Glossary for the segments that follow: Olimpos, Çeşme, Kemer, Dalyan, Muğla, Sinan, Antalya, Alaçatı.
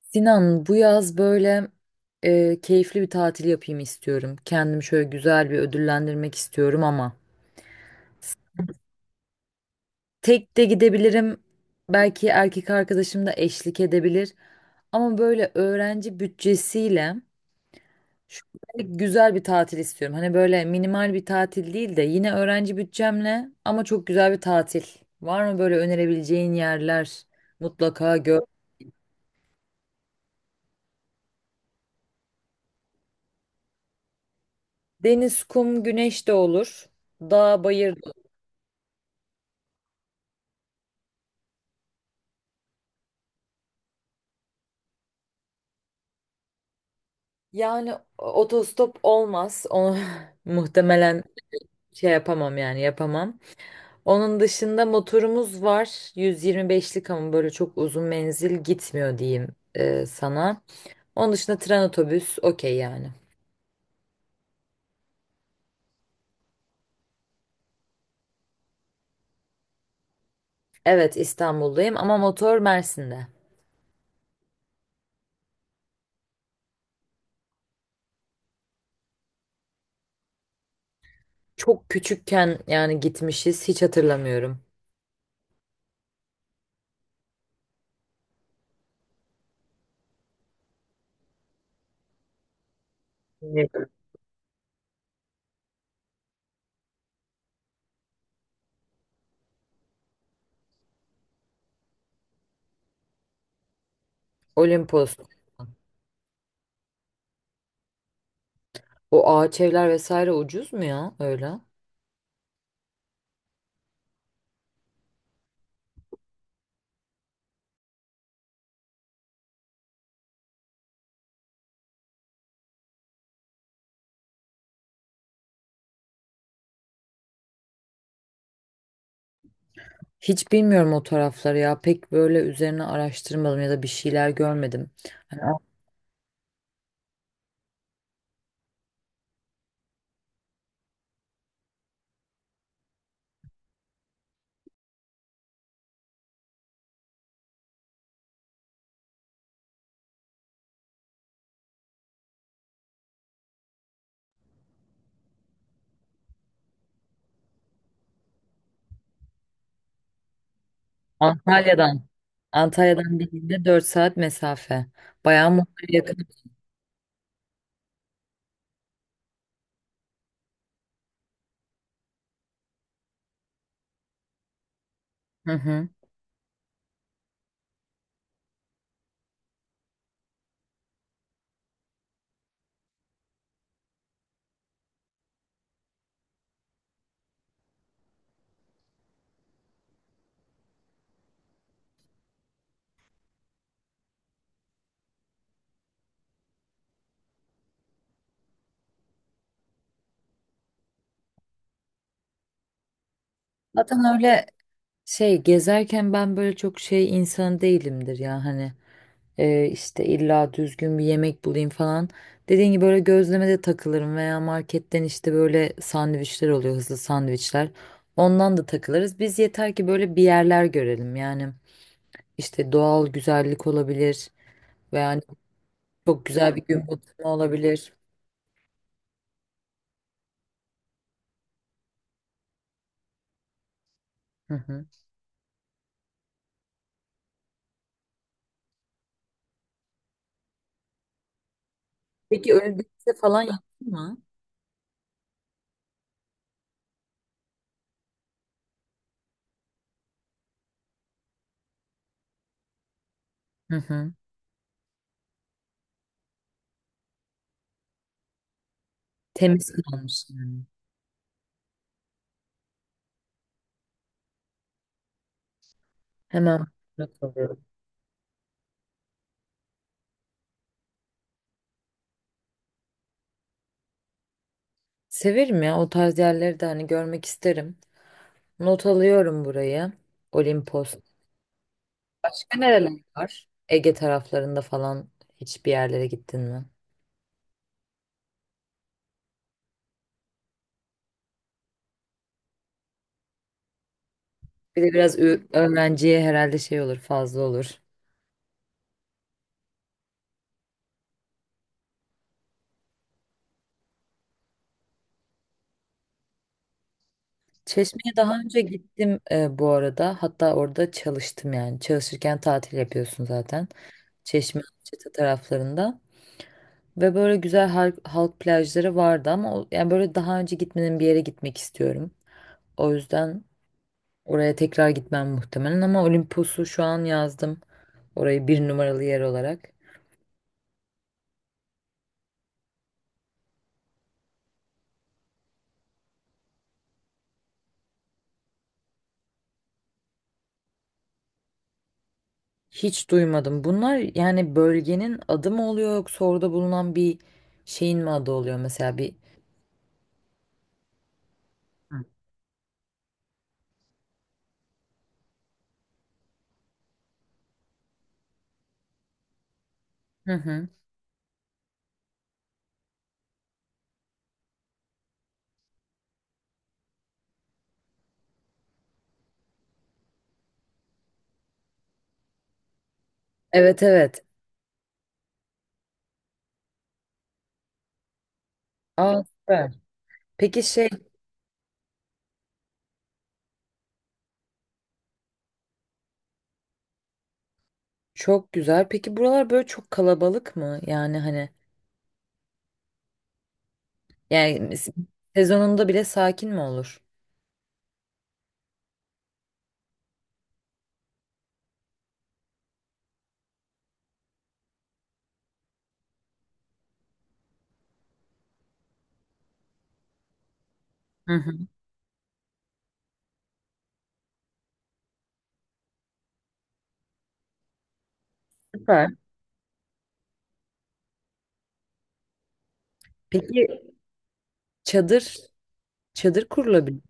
Sinan, bu yaz böyle keyifli bir tatil yapayım istiyorum. Kendimi şöyle güzel bir ödüllendirmek istiyorum ama tek de gidebilirim. Belki erkek arkadaşım da eşlik edebilir. Ama böyle öğrenci bütçesiyle şöyle güzel bir tatil istiyorum. Hani böyle minimal bir tatil değil de yine öğrenci bütçemle ama çok güzel bir tatil. Var mı böyle önerebileceğin yerler? Mutlaka gör. Deniz, kum, güneş de olur. Dağ, bayır. Yani otostop olmaz. Onu muhtemelen şey yapamam yani yapamam. Onun dışında motorumuz var. 125'lik ama böyle çok uzun menzil gitmiyor diyeyim sana. Onun dışında tren otobüs okey yani. Evet, İstanbul'dayım ama motor Mersin'de. Çok küçükken yani gitmişiz, hiç hatırlamıyorum. Evet. Olimpos. O ağaç evler vesaire ucuz mu ya öyle? Hiç bilmiyorum o tarafları ya. Pek böyle üzerine araştırmadım ya da bir şeyler görmedim. Hani An- Antalya'dan, Antalya'dan dediğinde 4 saat mesafe. Bayağı Muğla'ya yakın. Hı hı. Zaten öyle şey gezerken ben böyle çok şey insan değilimdir ya hani işte illa düzgün bir yemek bulayım falan. Dediğin gibi böyle gözlemede takılırım veya marketten işte böyle sandviçler oluyor, hızlı sandviçler. Ondan da takılırız. Biz yeter ki böyle bir yerler görelim yani. İşte doğal güzellik olabilir veya hani çok güzel bir gün batımı olabilir. Hı hı. Peki öyle bir şey falan yaptın mı? Hı hı. Temiz kalmış yani. Hemen not alıyorum. Severim ya, o tarz yerleri de hani görmek isterim. Not alıyorum burayı. Olimpos. Başka nereler var? Ege taraflarında falan hiçbir yerlere gittin mi? Bir de biraz öğrenciye herhalde şey olur, fazla olur. Çeşme'ye daha önce gittim bu arada. Hatta orada çalıştım yani. Çalışırken tatil yapıyorsun zaten. Çeşme, Alaçatı taraflarında. Ve böyle güzel halk, halk plajları vardı ama yani böyle daha önce gitmediğim bir yere gitmek istiyorum. O yüzden oraya tekrar gitmem muhtemelen, ama Olimpos'u şu an yazdım. Orayı bir numaralı yer olarak. Hiç duymadım. Bunlar yani bölgenin adı mı oluyor yoksa orada bulunan bir şeyin mi adı oluyor mesela bir. Hı hı. Evet, evet. Aa, süper. Peki şey, çok güzel. Peki buralar böyle çok kalabalık mı? Yani hani yani sezonunda bile sakin mi olur? Hı hı. Süper. Peki çadır çadır kurulabilir.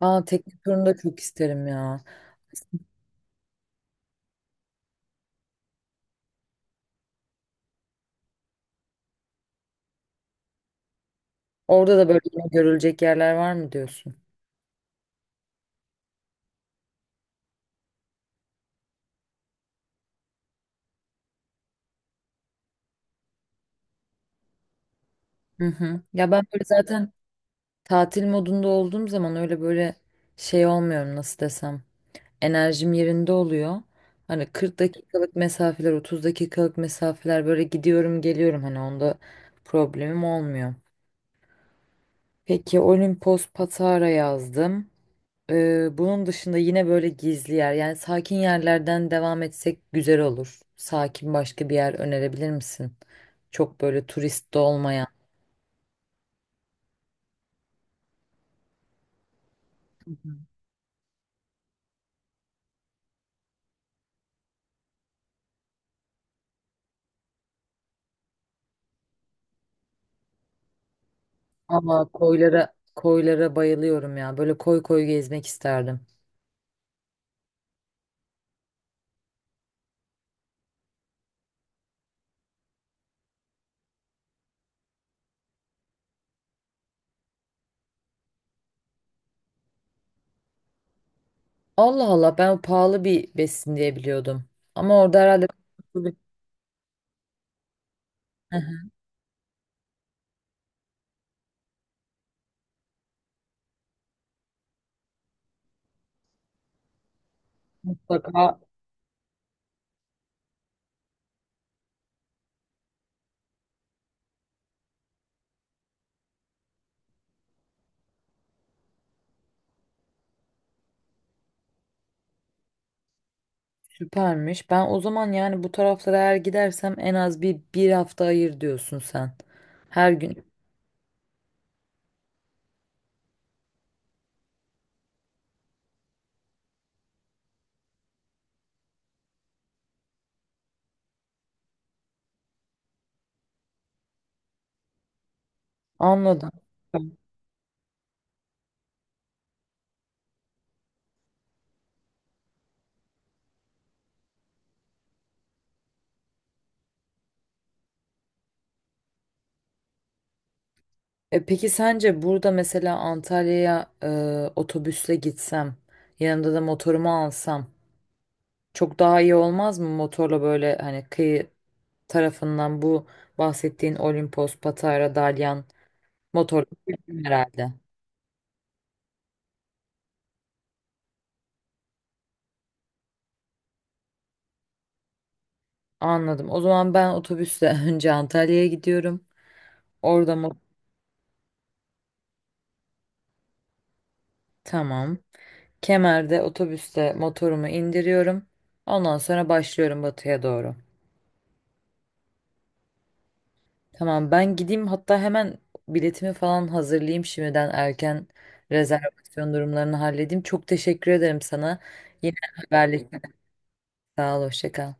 Aa, tekne turunu da çok isterim ya. Orada da böyle yine görülecek yerler var mı diyorsun? Hı hı. Ya ben böyle zaten tatil modunda olduğum zaman öyle böyle şey olmuyorum, nasıl desem. Enerjim yerinde oluyor. Hani 40 dakikalık mesafeler, 30 dakikalık mesafeler böyle gidiyorum geliyorum, hani onda problemim olmuyor. Peki Olimpos Patara yazdım. Bunun dışında yine böyle gizli yer yani sakin yerlerden devam etsek güzel olur. Sakin başka bir yer önerebilir misin? Çok böyle turist de olmayan. Ama koylara bayılıyorum ya. Böyle koy koy gezmek isterdim. Allah Allah, ben pahalı bir besin diye biliyordum. Ama orada herhalde hı hı, mutlaka süpermiş. Ben o zaman yani bu taraflara eğer gidersem en az bir hafta ayır diyorsun sen. Her gün. Anladım. E peki sence burada mesela Antalya'ya otobüsle gitsem, yanımda da motorumu alsam çok daha iyi olmaz mı motorla böyle hani kıyı tarafından bu bahsettiğin Olimpos, Patara, Dalyan motor herhalde. Anladım. O zaman ben otobüsle önce Antalya'ya gidiyorum. Orada mı? Tamam. Kemer'de otobüsle motorumu indiriyorum. Ondan sonra başlıyorum batıya doğru. Tamam, ben gideyim hatta hemen biletimi falan hazırlayayım, şimdiden erken rezervasyon durumlarını halledeyim. Çok teşekkür ederim sana. Yine haberleşelim. Sağ ol, hoşça kal.